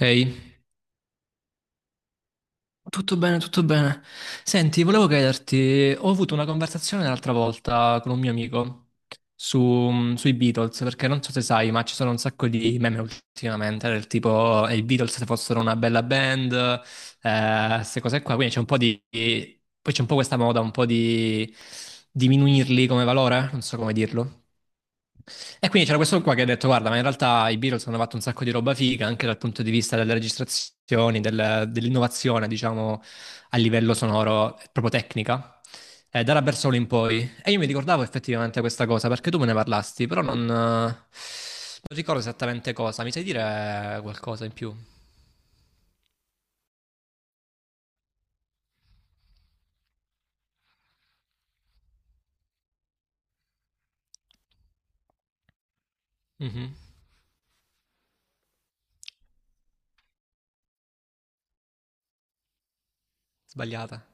Ehi, tutto bene, tutto bene. Senti, volevo chiederti, ho avuto una conversazione l'altra volta con un mio amico sui Beatles, perché non so se sai, ma ci sono un sacco di meme ultimamente, del tipo i Beatles se fossero una bella band, queste cose qua, quindi c'è un po' di poi c'è un po' questa moda, un po' di diminuirli come valore, non so come dirlo. E quindi c'era questo qua che ha detto: guarda, ma in realtà i Beatles hanno fatto un sacco di roba figa anche dal punto di vista delle registrazioni, dell'innovazione, diciamo, a livello sonoro, proprio tecnica, da Rubber Soul in poi. E io mi ricordavo effettivamente questa cosa perché tu me ne parlasti, però non ricordo esattamente cosa. Mi sai dire qualcosa in più? Mhm. Sbagliata.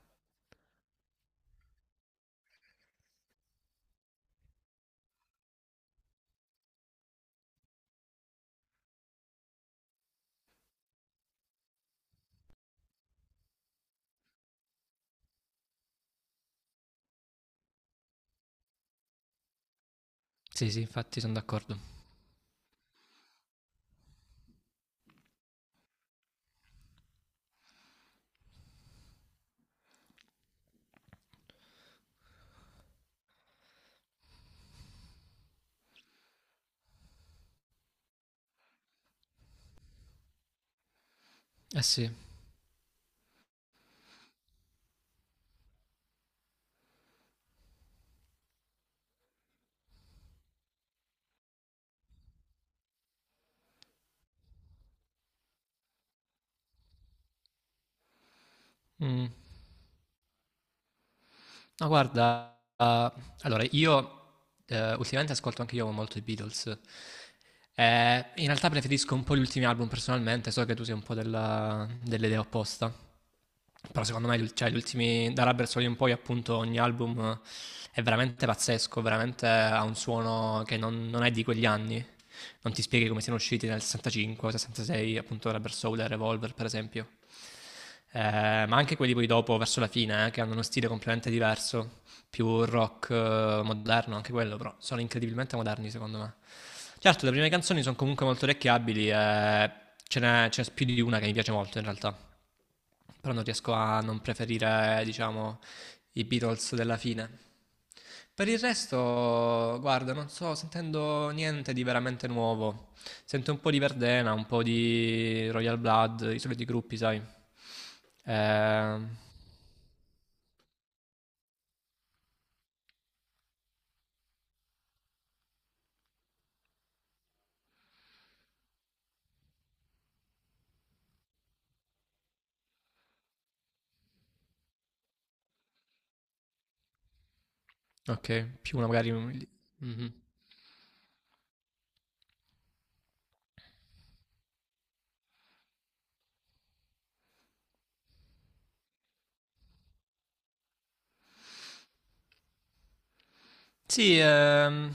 Sì, sì, infatti sono d'accordo. Eh sì. Mm. Ma guarda, allora, io ultimamente ascolto anche io molto i Beatles. In realtà preferisco un po' gli ultimi album personalmente, so che tu sei un po' dell'idea opposta. Però secondo me, cioè, gli ultimi, da Rubber Soul in poi, appunto, ogni album è veramente pazzesco, veramente ha un suono che non è di quegli anni. Non ti spieghi come siano usciti nel 65, 66, appunto, Rubber Soul e Revolver, per esempio. Ma anche quelli poi dopo, verso la fine, che hanno uno stile completamente diverso più rock moderno, anche quello, però sono incredibilmente moderni secondo me. Certo, le prime canzoni sono comunque molto orecchiabili e ce n'è più di una che mi piace molto in realtà, però non riesco a non preferire, diciamo, i Beatles della fine. Per il resto, guarda, non sto sentendo niente di veramente nuovo. Sento un po' di Verdena, un po' di Royal Blood, i soliti gruppi, sai. Eh, ok, più una magari... Mhm. Sì,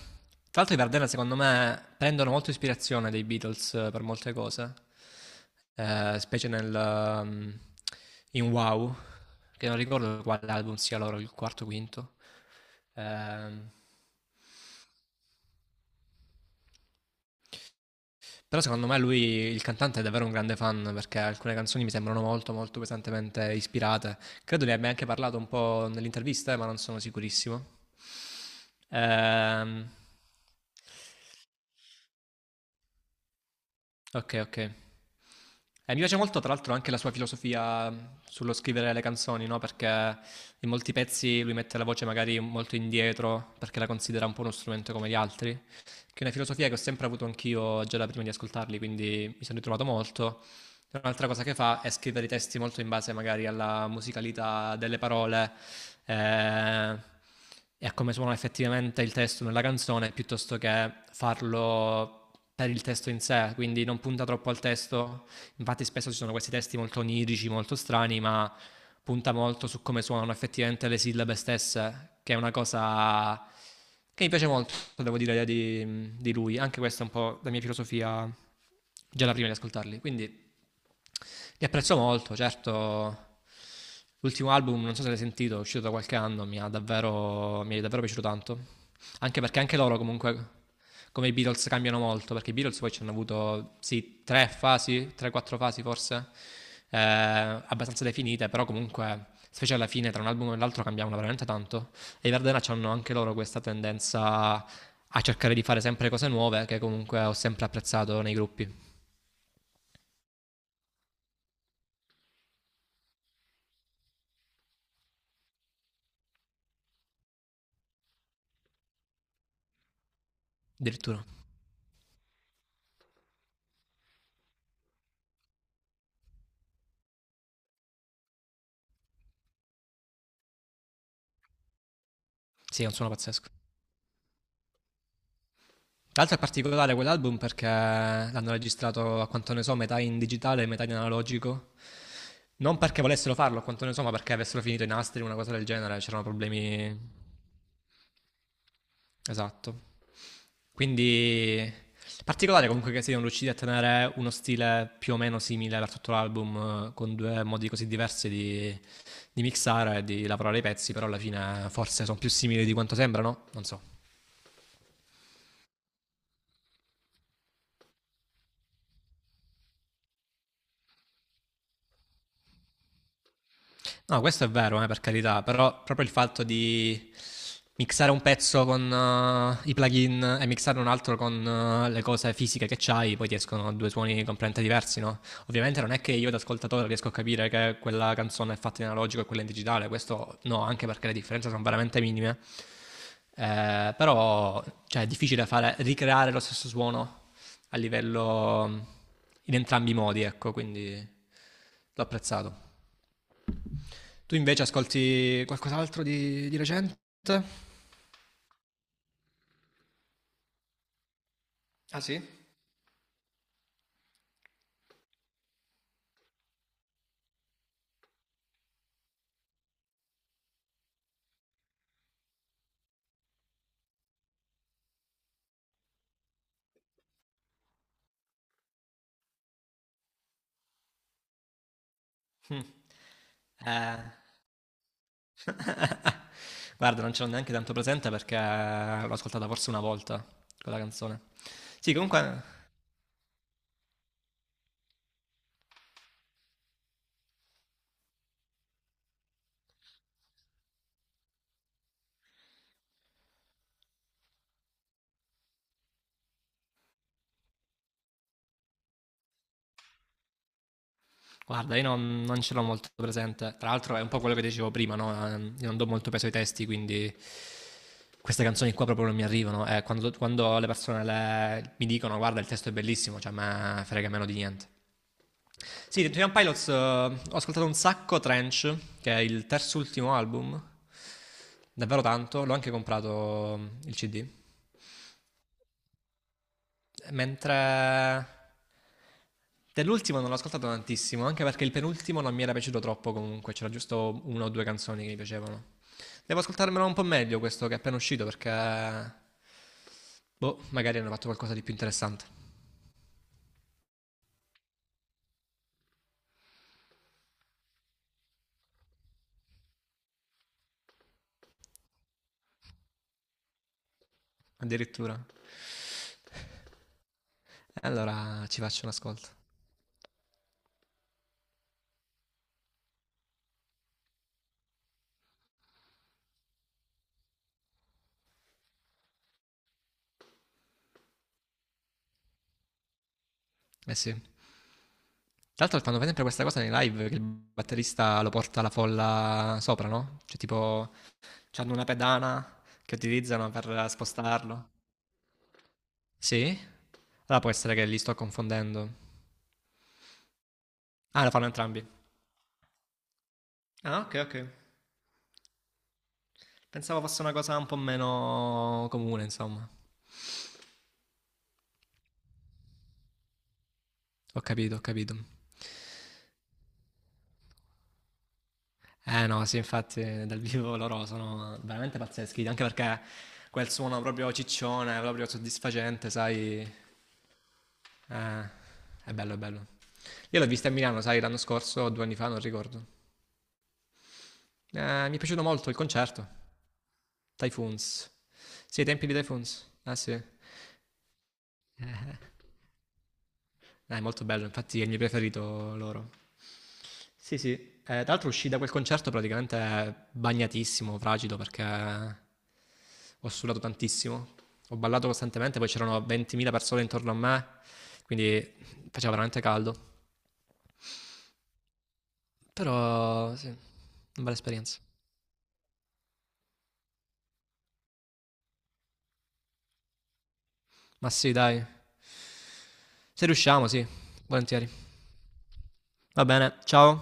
tra l'altro i Vardena secondo me prendono molto ispirazione dai Beatles per molte cose, specie in Wow, che non ricordo quale album sia loro, il quarto o quinto. Ehm, però secondo me lui, il cantante, è davvero un grande fan perché alcune canzoni mi sembrano molto pesantemente ispirate. Credo ne abbia anche parlato un po' nell'intervista, ma non sono sicurissimo. Ehm, Okay, okay. Mi piace molto tra l'altro anche la sua filosofia, sullo scrivere le canzoni, no, perché in molti pezzi lui mette la voce magari molto indietro, perché la considera un po' uno strumento come gli altri, che è una filosofia che ho sempre avuto anch'io già da prima di ascoltarli, quindi mi sono ritrovato molto. Cioè, un'altra cosa che fa è scrivere i testi molto in base magari alla musicalità delle parole eh, e a come suona effettivamente il testo nella canzone, piuttosto che farlo per il testo in sé, quindi non punta troppo al testo. Infatti spesso ci sono questi testi molto onirici, molto strani, ma punta molto su come suonano effettivamente le sillabe stesse, che è una cosa che mi piace molto, devo dire, di lui. Anche questa è un po' la mia filosofia già da prima di ascoltarli. Quindi li apprezzo molto, certo. L'ultimo album, non so se l'hai sentito, è uscito da qualche anno, mi è davvero piaciuto tanto. Anche perché anche loro comunque, come i Beatles, cambiano molto, perché i Beatles poi ci hanno avuto, sì, tre, quattro fasi forse, abbastanza definite, però comunque, specie alla fine, tra un album e l'altro cambiavano veramente tanto. E i Verdena hanno anche loro questa tendenza a cercare di fare sempre cose nuove, che comunque ho sempre apprezzato nei gruppi, addirittura. Sì, è un suono pazzesco. Tra l'altro è particolare quell'album perché l'hanno registrato, a quanto ne so, metà in digitale e metà in analogico. Non perché volessero farlo, a quanto ne so, ma perché avessero finito i nastri, una cosa del genere, c'erano problemi... Esatto. Quindi particolare comunque che siano riusciti a tenere uno stile più o meno simile per tutto l'album, con due modi così diversi di mixare e di lavorare i pezzi, però alla fine forse sono più simili di quanto sembrano, non so. No, questo è vero, per carità, però proprio il fatto di mixare un pezzo con i plugin e mixare un altro con le cose fisiche che c'hai, poi ti escono due suoni completamente diversi, no? Ovviamente non è che io da ascoltatore riesco a capire che quella canzone è fatta in analogico e quella in digitale, questo no, anche perché le differenze sono veramente minime. Però cioè, è difficile fare, ricreare lo stesso suono a livello in entrambi i modi, ecco, quindi l'ho apprezzato. Tu invece ascolti qualcos'altro di recente? Ah sì? Mm. Eh, guarda, non ce l'ho neanche tanto presente perché l'ho ascoltata forse una volta quella canzone. Sì, comunque, guarda, io non, non ce l'ho molto presente. Tra l'altro, è un po' quello che dicevo prima, no? Io non do molto peso ai testi, quindi queste canzoni qua proprio non mi arrivano. Quando mi dicono, guarda, il testo è bellissimo, cioè, a me frega meno di niente. Sì, Titanium Pilots, ho ascoltato un sacco Trench, che è il terzo ultimo album, davvero tanto, l'ho anche comprato il CD, mentre dell'ultimo non l'ho ascoltato tantissimo, anche perché il penultimo non mi era piaciuto troppo comunque, c'era giusto una o due canzoni che mi piacevano. Devo ascoltarmelo un po' meglio questo che è appena uscito perché... Boh, magari hanno fatto qualcosa di più interessante, addirittura. E allora ci faccio un ascolto. Eh sì. Tra l'altro fanno sempre questa cosa nei live che il batterista lo porta alla folla sopra, no? Cioè tipo, hanno una pedana che utilizzano per spostarlo. Sì? Allora può essere che li sto confondendo. Ah, lo fanno entrambi. Ah, ok, ok. Pensavo fosse una cosa un po' meno comune, insomma. Ho capito, ho capito. Eh no, sì, infatti dal vivo loro sono veramente pazzeschi, anche perché quel suono proprio ciccione, proprio soddisfacente, sai, Ah, è bello, è bello. Io l'ho vista a Milano, sai, l'anno scorso o due anni fa, non ricordo. Mi è piaciuto molto il concerto. Typhoons. Sì, ai tempi di Typhoons. Ah, sì. È molto bello, infatti è il mio preferito loro. Sì, sì. Tra l'altro uscì da quel concerto praticamente bagnatissimo, fragido, perché ho sudato tantissimo. Ho ballato costantemente, poi c'erano 20.000 persone intorno a me, quindi faceva veramente caldo. Però, sì, una bella esperienza. Ma sì, dai. Se riusciamo, sì, volentieri. Va bene, ciao.